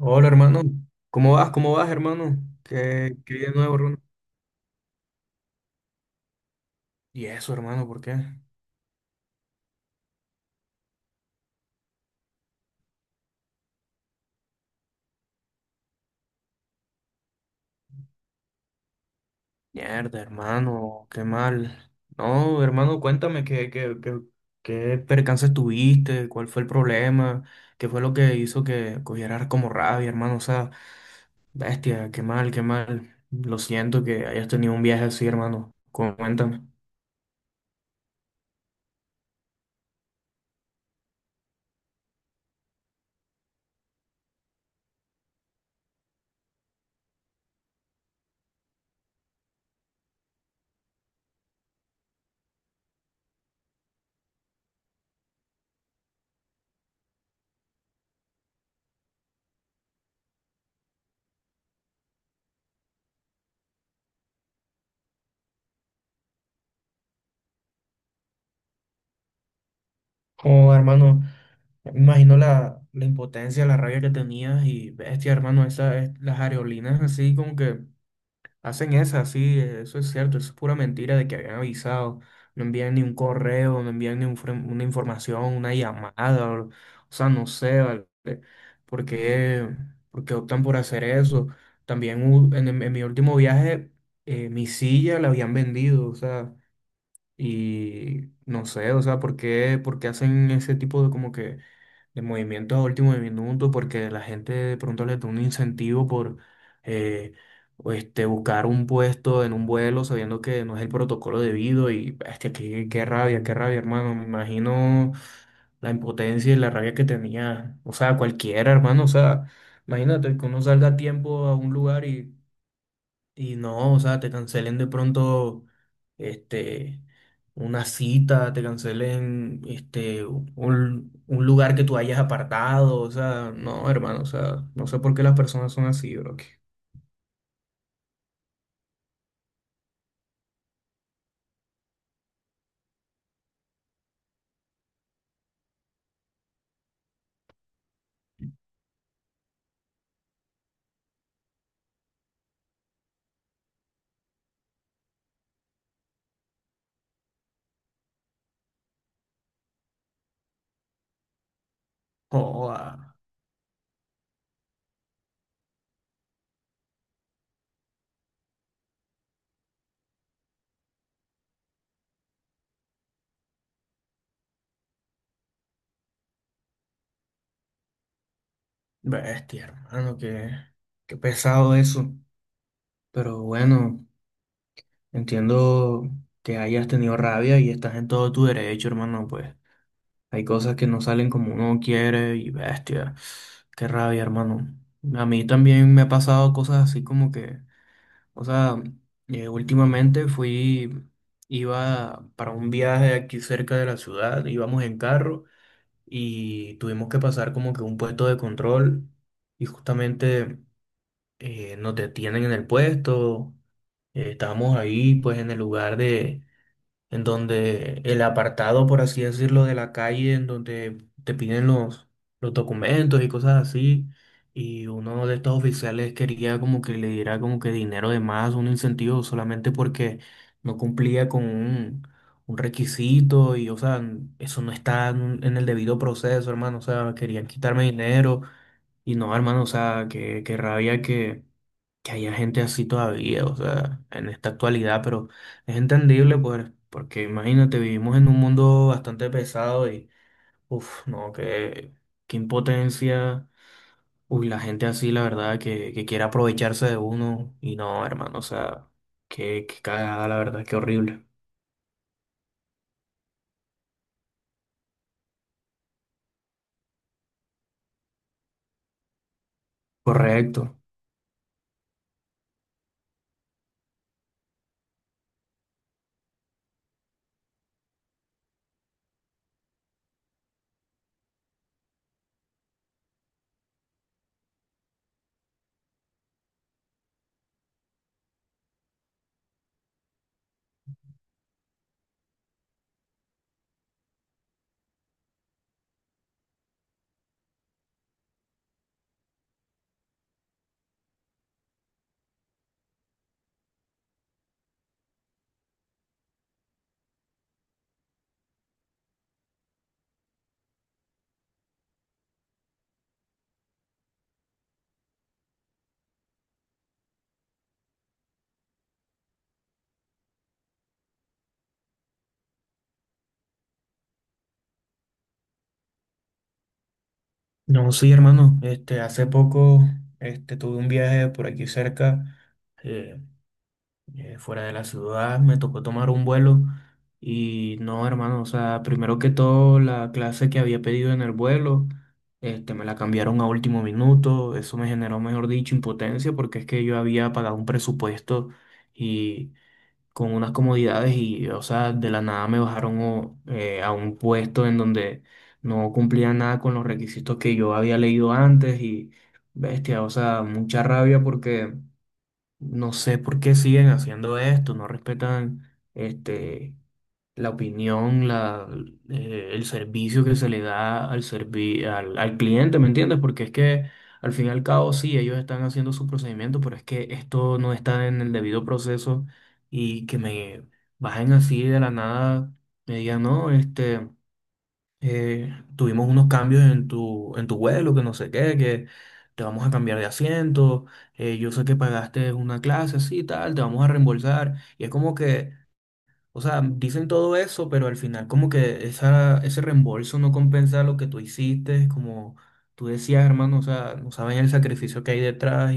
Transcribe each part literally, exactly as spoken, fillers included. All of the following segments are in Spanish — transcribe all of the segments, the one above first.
Hola hermano, ¿cómo vas? ¿Cómo vas hermano? ¿Qué, qué hay de nuevo hermano? ¿Y eso hermano? ¿Por qué? Mierda hermano, qué mal. No hermano, cuéntame qué, qué, qué, qué percances tuviste, cuál fue el problema, qué fue lo que hizo que cogieras como rabia hermano, o sea, bestia, qué mal, qué mal. Lo siento que hayas tenido un viaje así hermano, cuéntame. Oh, hermano, me imagino la, la impotencia, la rabia que tenías y bestia, hermano, esas, las areolinas así como que hacen esa, sí, eso es cierto, eso es pura mentira de que habían avisado. No envían ni un correo, no envían ni un fre- una información, una llamada, o, o sea, no sé, ¿vale? ¿Por qué, por qué optan por hacer eso? También hu- en, en mi último viaje, eh, mi silla la habían vendido, o sea, y no sé, o sea, ¿por qué, por qué hacen ese tipo de como que de movimientos a último minuto? Porque la gente de pronto les da un incentivo por eh, o este, buscar un puesto en un vuelo sabiendo que no es el protocolo debido y bestia, qué, qué rabia, qué rabia, hermano. Me imagino la impotencia y la rabia que tenía, o sea, cualquiera, hermano, o sea, imagínate que uno salga a tiempo a un lugar y y no, o sea, te cancelen de pronto este, una cita, te cancelen este, un, un lugar que tú hayas apartado, o sea, no, hermano, o sea, no sé por qué las personas son así, bro. Que, joda, bestia, hermano, que qué pesado eso. Pero bueno, entiendo que hayas tenido rabia y estás en todo tu derecho, hermano, pues. Hay cosas que no salen como uno quiere y bestia. Qué rabia, hermano. A mí también me ha pasado cosas así como que, o sea, eh, últimamente fui, iba para un viaje aquí cerca de la ciudad, íbamos en carro y tuvimos que pasar como que un puesto de control y justamente eh, nos detienen en el puesto. Eh, estábamos ahí pues en el lugar de en donde el apartado, por así decirlo, de la calle, en donde te piden los, los documentos y cosas así, y uno de estos oficiales quería como que le diera como que dinero de más, un incentivo solamente porque no cumplía con un, un requisito y, o sea, eso no está en, en el debido proceso, hermano, o sea, querían quitarme dinero y no, hermano, o sea, que, que rabia que que haya gente así todavía, o sea, en esta actualidad, pero es entendible, pues, porque imagínate, vivimos en un mundo bastante pesado y, uff, no, qué, qué impotencia, uy, la gente así, la verdad, que, que quiere aprovecharse de uno y no, hermano, o sea, qué, qué cagada, la verdad, qué horrible. Correcto. No, sí, hermano, este, hace poco, este, tuve un viaje por aquí cerca. eh, eh, fuera de la ciudad, me tocó tomar un vuelo y no, hermano, o sea, primero que todo, la clase que había pedido en el vuelo, este, me la cambiaron a último minuto, eso me generó, mejor dicho, impotencia porque es que yo había pagado un presupuesto y con unas comodidades y, o sea, de la nada me bajaron o, eh, a un puesto en donde no cumplía nada con los requisitos que yo había leído antes y, bestia, o sea, mucha rabia porque... No sé por qué siguen haciendo esto, no respetan este, la opinión, la, eh, el servicio que se le da al, servi- al, al cliente, ¿me entiendes? Porque es que al fin y al cabo sí, ellos están haciendo su procedimiento, pero es que esto no está en el debido proceso y que me bajen así de la nada, me digan, no, este eh, tuvimos unos cambios en tu, en tu vuelo, que no sé qué, que te vamos a cambiar de asiento, eh, yo sé que pagaste una clase así y tal, te vamos a reembolsar. Y es como que, o sea, dicen todo eso, pero al final como que esa, ese reembolso no compensa lo que tú hiciste, como tú decías, hermano, o sea, no saben el sacrificio que hay detrás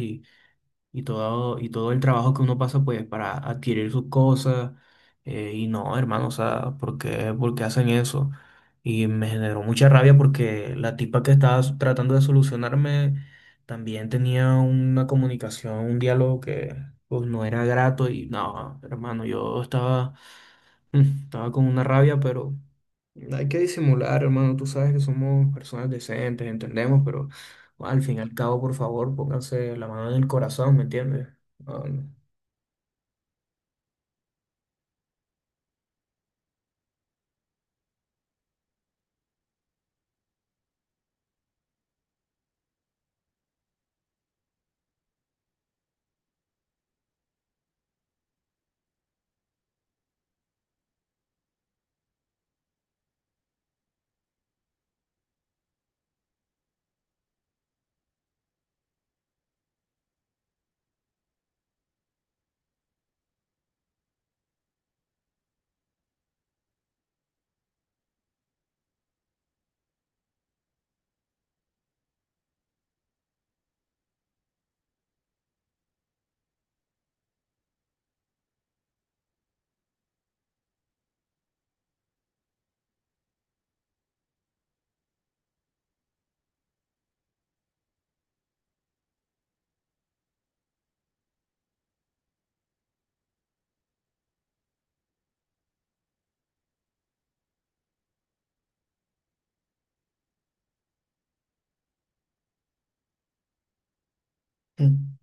y todo, y todo el trabajo que uno pasa pues para adquirir sus cosas. Eh, y no, hermano, o sea, ¿por qué, por qué hacen eso? Y me generó mucha rabia porque la tipa que estaba s- tratando de solucionarme también tenía una comunicación, un diálogo que pues no era grato y no, hermano, yo estaba... Mm, Estaba con una rabia, pero hay que disimular, hermano. Tú sabes que somos personas decentes, entendemos, pero bueno, al fin y al cabo, por favor, pónganse la mano en el corazón, ¿me entiendes? Ah, no. Mm.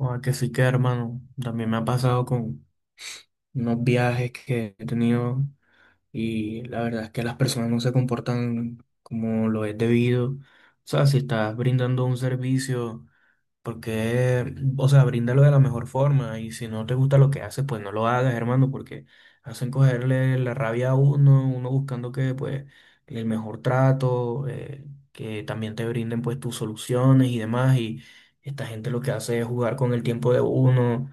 Ah, que sí que, hermano. También me ha pasado con unos viajes que he tenido y la verdad es que las personas no se comportan como lo es debido. O sea, si estás brindando un servicio. Porque, o sea, bríndalo de la mejor forma y si no te gusta lo que haces, pues no lo hagas, hermano, porque hacen cogerle la rabia a uno, uno buscando que, pues, el mejor trato, eh, que también te brinden, pues, tus soluciones y demás. Y esta gente lo que hace es jugar con el tiempo de uno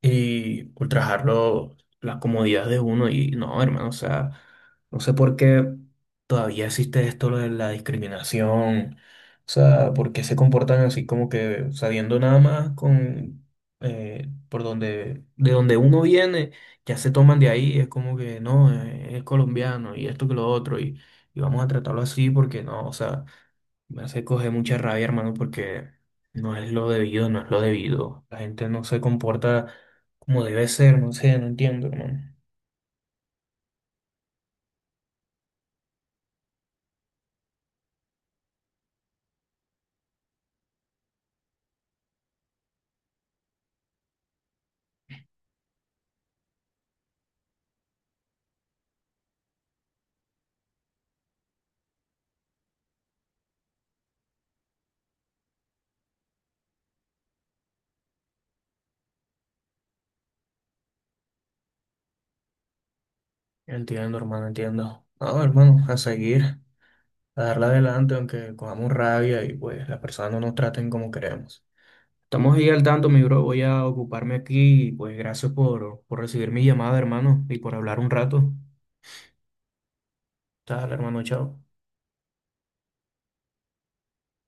y ultrajarlo las comodidades de uno. Y no, hermano, o sea, no sé por qué todavía existe esto lo de la discriminación. O sea, por qué se comportan así como que sabiendo nada más con eh, por donde, de donde uno viene, ya se toman de ahí, es como que no, eh, es colombiano y esto que lo otro, y, y, vamos a tratarlo así porque no, o sea, me hace coger mucha rabia, hermano, porque no es lo debido, no es lo debido. La gente no se comporta como debe ser, no sé, no entiendo, hermano. Entiendo, hermano, entiendo. No, hermano, a seguir, a darle adelante, aunque cojamos rabia y pues las personas no nos traten como queremos. Estamos ahí al tanto, mi bro. Voy a ocuparme aquí y pues gracias por, por recibir mi llamada, hermano, y por hablar un rato. Dale, hermano, chao.